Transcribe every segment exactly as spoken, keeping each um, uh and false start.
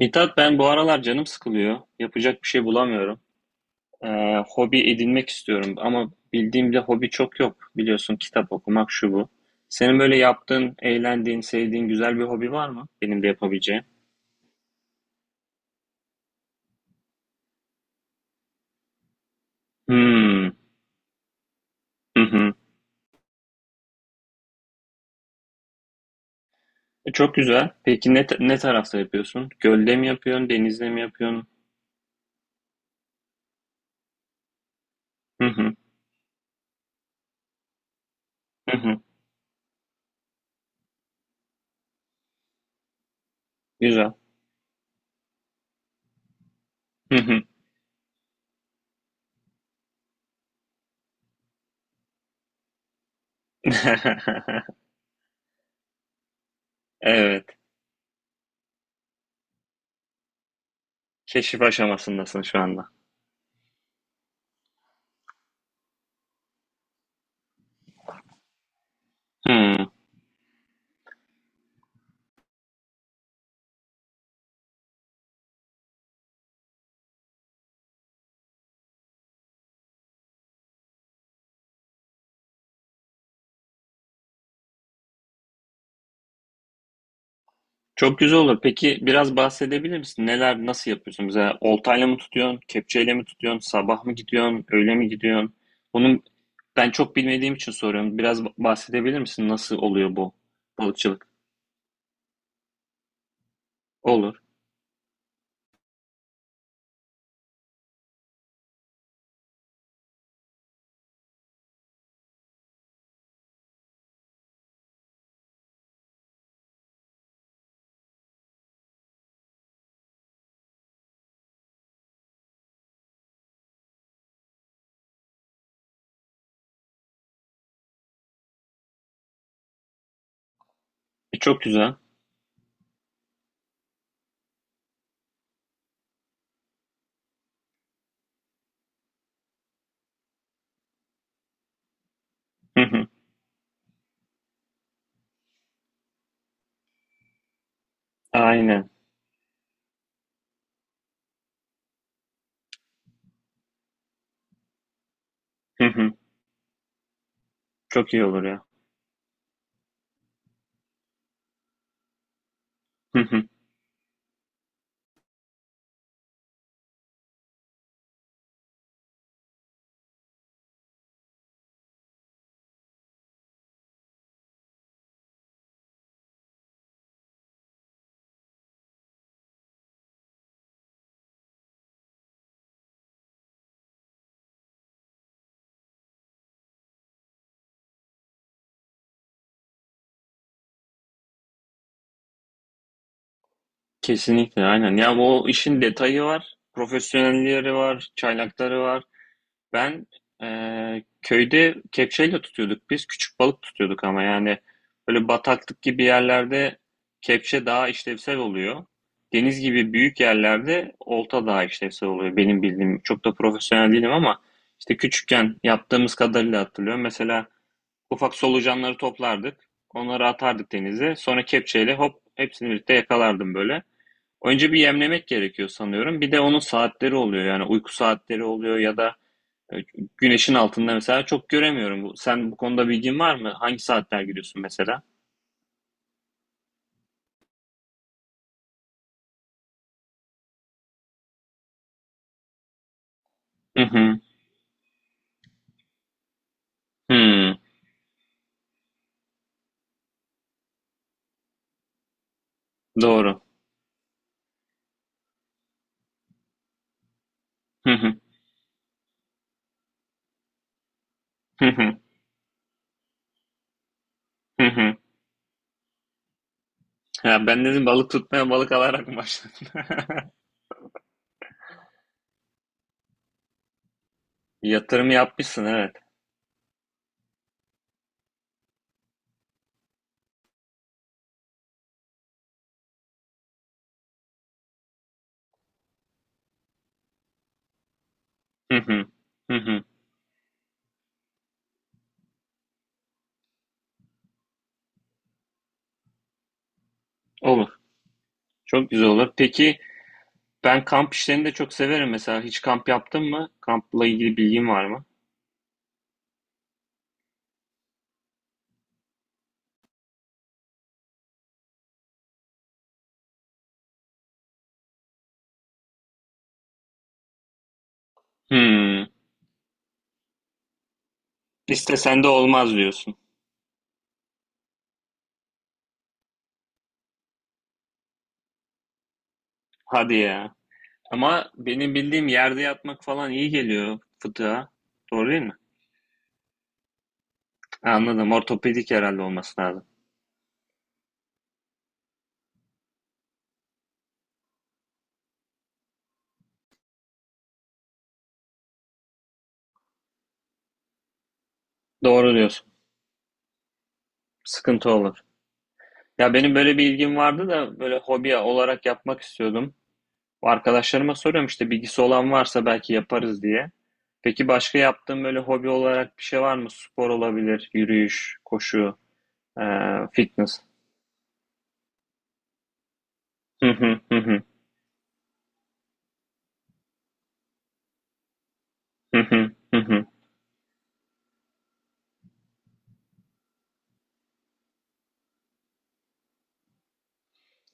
Mithat ben bu aralar canım sıkılıyor. Yapacak bir şey bulamıyorum. Ee, hobi edinmek istiyorum ama bildiğim bir hobi çok yok. Biliyorsun kitap okumak şu bu. Senin böyle yaptığın, eğlendiğin, sevdiğin güzel bir hobi var mı? Benim de yapabileceğim. Hmm. Hı hı. E, Çok güzel. Peki ne, ne tarafta yapıyorsun? Gölde mi yapıyorsun, denizde mi yapıyorsun? Hı hı. Hı hı. Güzel. Hı hı. Evet. Keşif aşamasındasın şu anda. Hmm. Çok güzel olur. Peki biraz bahsedebilir misin? Neler, nasıl yapıyorsun? Mesela oltayla mı tutuyorsun, kepçeyle mi tutuyorsun, sabah mı gidiyorsun, öğle mi gidiyorsun? Bunun ben çok bilmediğim için soruyorum. Biraz ba- bahsedebilir misin? Nasıl oluyor bu balıkçılık? Olur. E, çok güzel. Hı hı. Aynen. Hı hı. Çok iyi olur ya. Hı hı. Kesinlikle aynen. Ya bu işin detayı var, profesyonelleri var, çaylakları var. Ben eee, köyde kepçeyle tutuyorduk biz. Küçük balık tutuyorduk ama yani böyle bataklık gibi yerlerde kepçe daha işlevsel oluyor. Deniz gibi büyük yerlerde olta daha işlevsel oluyor benim bildiğim. Çok da profesyonel değilim ama işte küçükken yaptığımız kadarıyla hatırlıyorum. Mesela ufak solucanları toplardık. Onları atardık denize. Sonra kepçeyle hop hepsini birlikte yakalardım böyle. Önce bir yemlemek gerekiyor sanıyorum. Bir de onun saatleri oluyor yani uyku saatleri oluyor ya da e, Güneşin altında mesela çok göremiyorum. Bu- Sen bu konuda bilgin var mı? Hangi saatler giriyorsun mesela? Hı hı. Hı. Doğru. Hı hı. Hı hı. Hı hı. Ya ben dedim balık tutmaya balık alarak mı başladın? Yatırım yapmışsın, evet. Hı hı. Hı hı. Olur. Çok güzel olur. Peki ben kamp işlerini de çok severim mesela. Hiç kamp yaptın mı? Kampla ilgili bilgin var mı? Hmm. İstesen de olmaz diyorsun. Hadi ya. Ama benim bildiğim yerde yatmak falan iyi geliyor fıtığa. Doğru değil mi? Ha, anladım. Ortopedik herhalde olması lazım. Doğru diyorsun. Sıkıntı olur. Ya benim böyle bir ilgim vardı da böyle hobi olarak yapmak istiyordum. Arkadaşlarıma soruyorum işte bilgisi olan varsa belki yaparız diye. Peki başka yaptığın böyle hobi olarak bir şey var mı? Spor olabilir, yürüyüş, koşu, eee, fitness. Hı hı hı hı hı hı hı hı.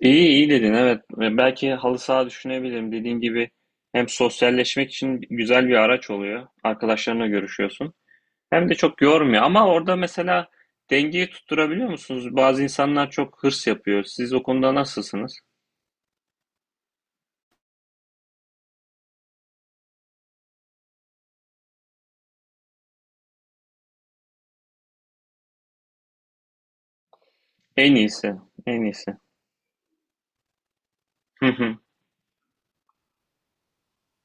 İyi iyi dedin, evet. Ve Belki halı saha düşünebilirim. Dediğin gibi hem sosyalleşmek için güzel bir araç oluyor. Arkadaşlarına görüşüyorsun. Hem de çok yormuyor. Ama orada mesela dengeyi tutturabiliyor musunuz? Bazı insanlar çok hırs yapıyor. Siz o konuda nasılsınız? En iyisi. En iyisi. Hı hı.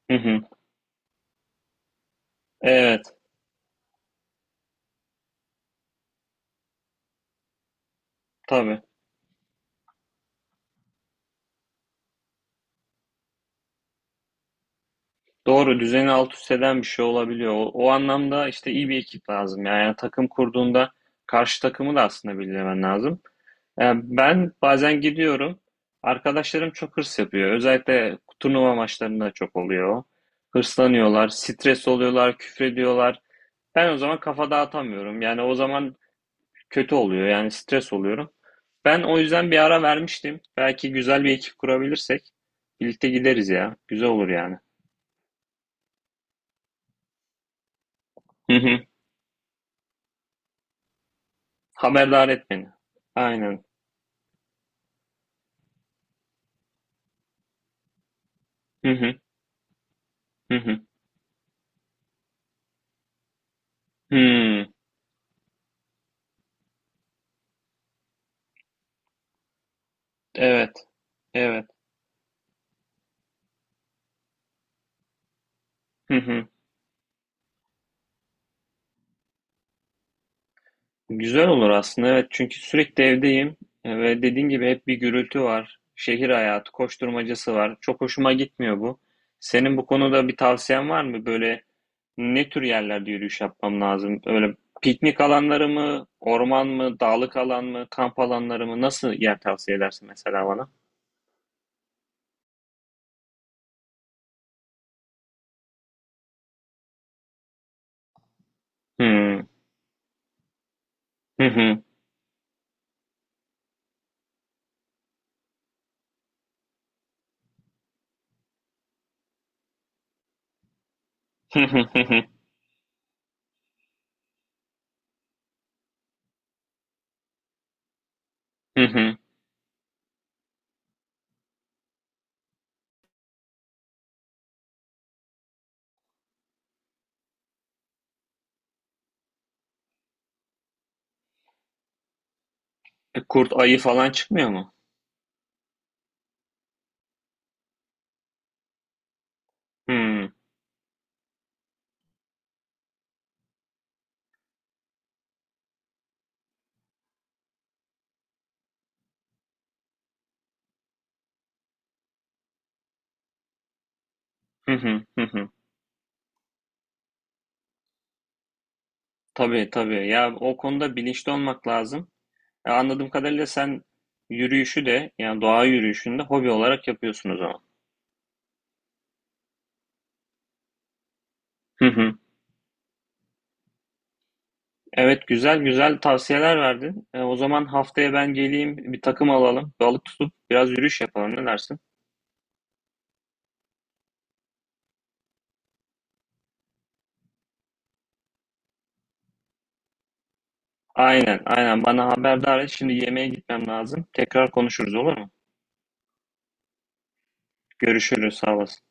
Hı hı. Evet. Tabii. Doğru. Düzeni alt üst eden bir şey olabiliyor. O, o anlamda işte iyi bir ekip lazım. Yani takım kurduğunda karşı takımı da aslında bilmen lazım. Yani ben bazen gidiyorum. Arkadaşlarım çok hırs yapıyor. Özellikle turnuva maçlarında çok oluyor. Hırslanıyorlar, stres oluyorlar, küfrediyorlar. Ben o zaman kafa dağıtamıyorum. Yani o zaman kötü oluyor. Yani stres oluyorum. Ben o yüzden bir ara vermiştim. Belki güzel bir ekip kurabilirsek birlikte gideriz ya. Güzel olur yani. Hı hı. Haberdar et beni. Aynen. Hı hı. Hı hı. Hı. Evet. Evet. Hı hı. Güzel olur aslında, evet, çünkü sürekli evdeyim. E, ve dediğin gibi hep bir gürültü var. Şehir hayatı, koşturmacası var. Çok hoşuma gitmiyor bu. Senin bu konuda bir tavsiyen var mı? Böyle ne tür yerlerde yürüyüş yapmam lazım? Öyle piknik alanları mı, orman mı, dağlık alan mı, kamp alanları mı? Nasıl yer tavsiye edersin mesela bana? Hmm. Hı hı. Hı hı hı hı. Hı hı. E, Kurt ayı falan çıkmıyor mu? Hmm. Hı hı hı hı. Tabii tabii. Ya o konuda bilinçli olmak lazım. E, Anladığım kadarıyla sen yürüyüşü de yani doğa yürüyüşünü de hobi olarak yapıyorsun o zaman. Hı hı. Evet, güzel güzel tavsiyeler verdin. E, o zaman haftaya ben geleyim bir takım alalım. Balık tutup biraz yürüyüş yapalım, ne dersin? Aynen aynen, bana haberdar et. Şimdi yemeğe gitmem lazım. Tekrar konuşuruz, olur mu? Görüşürüz, sağ olasın.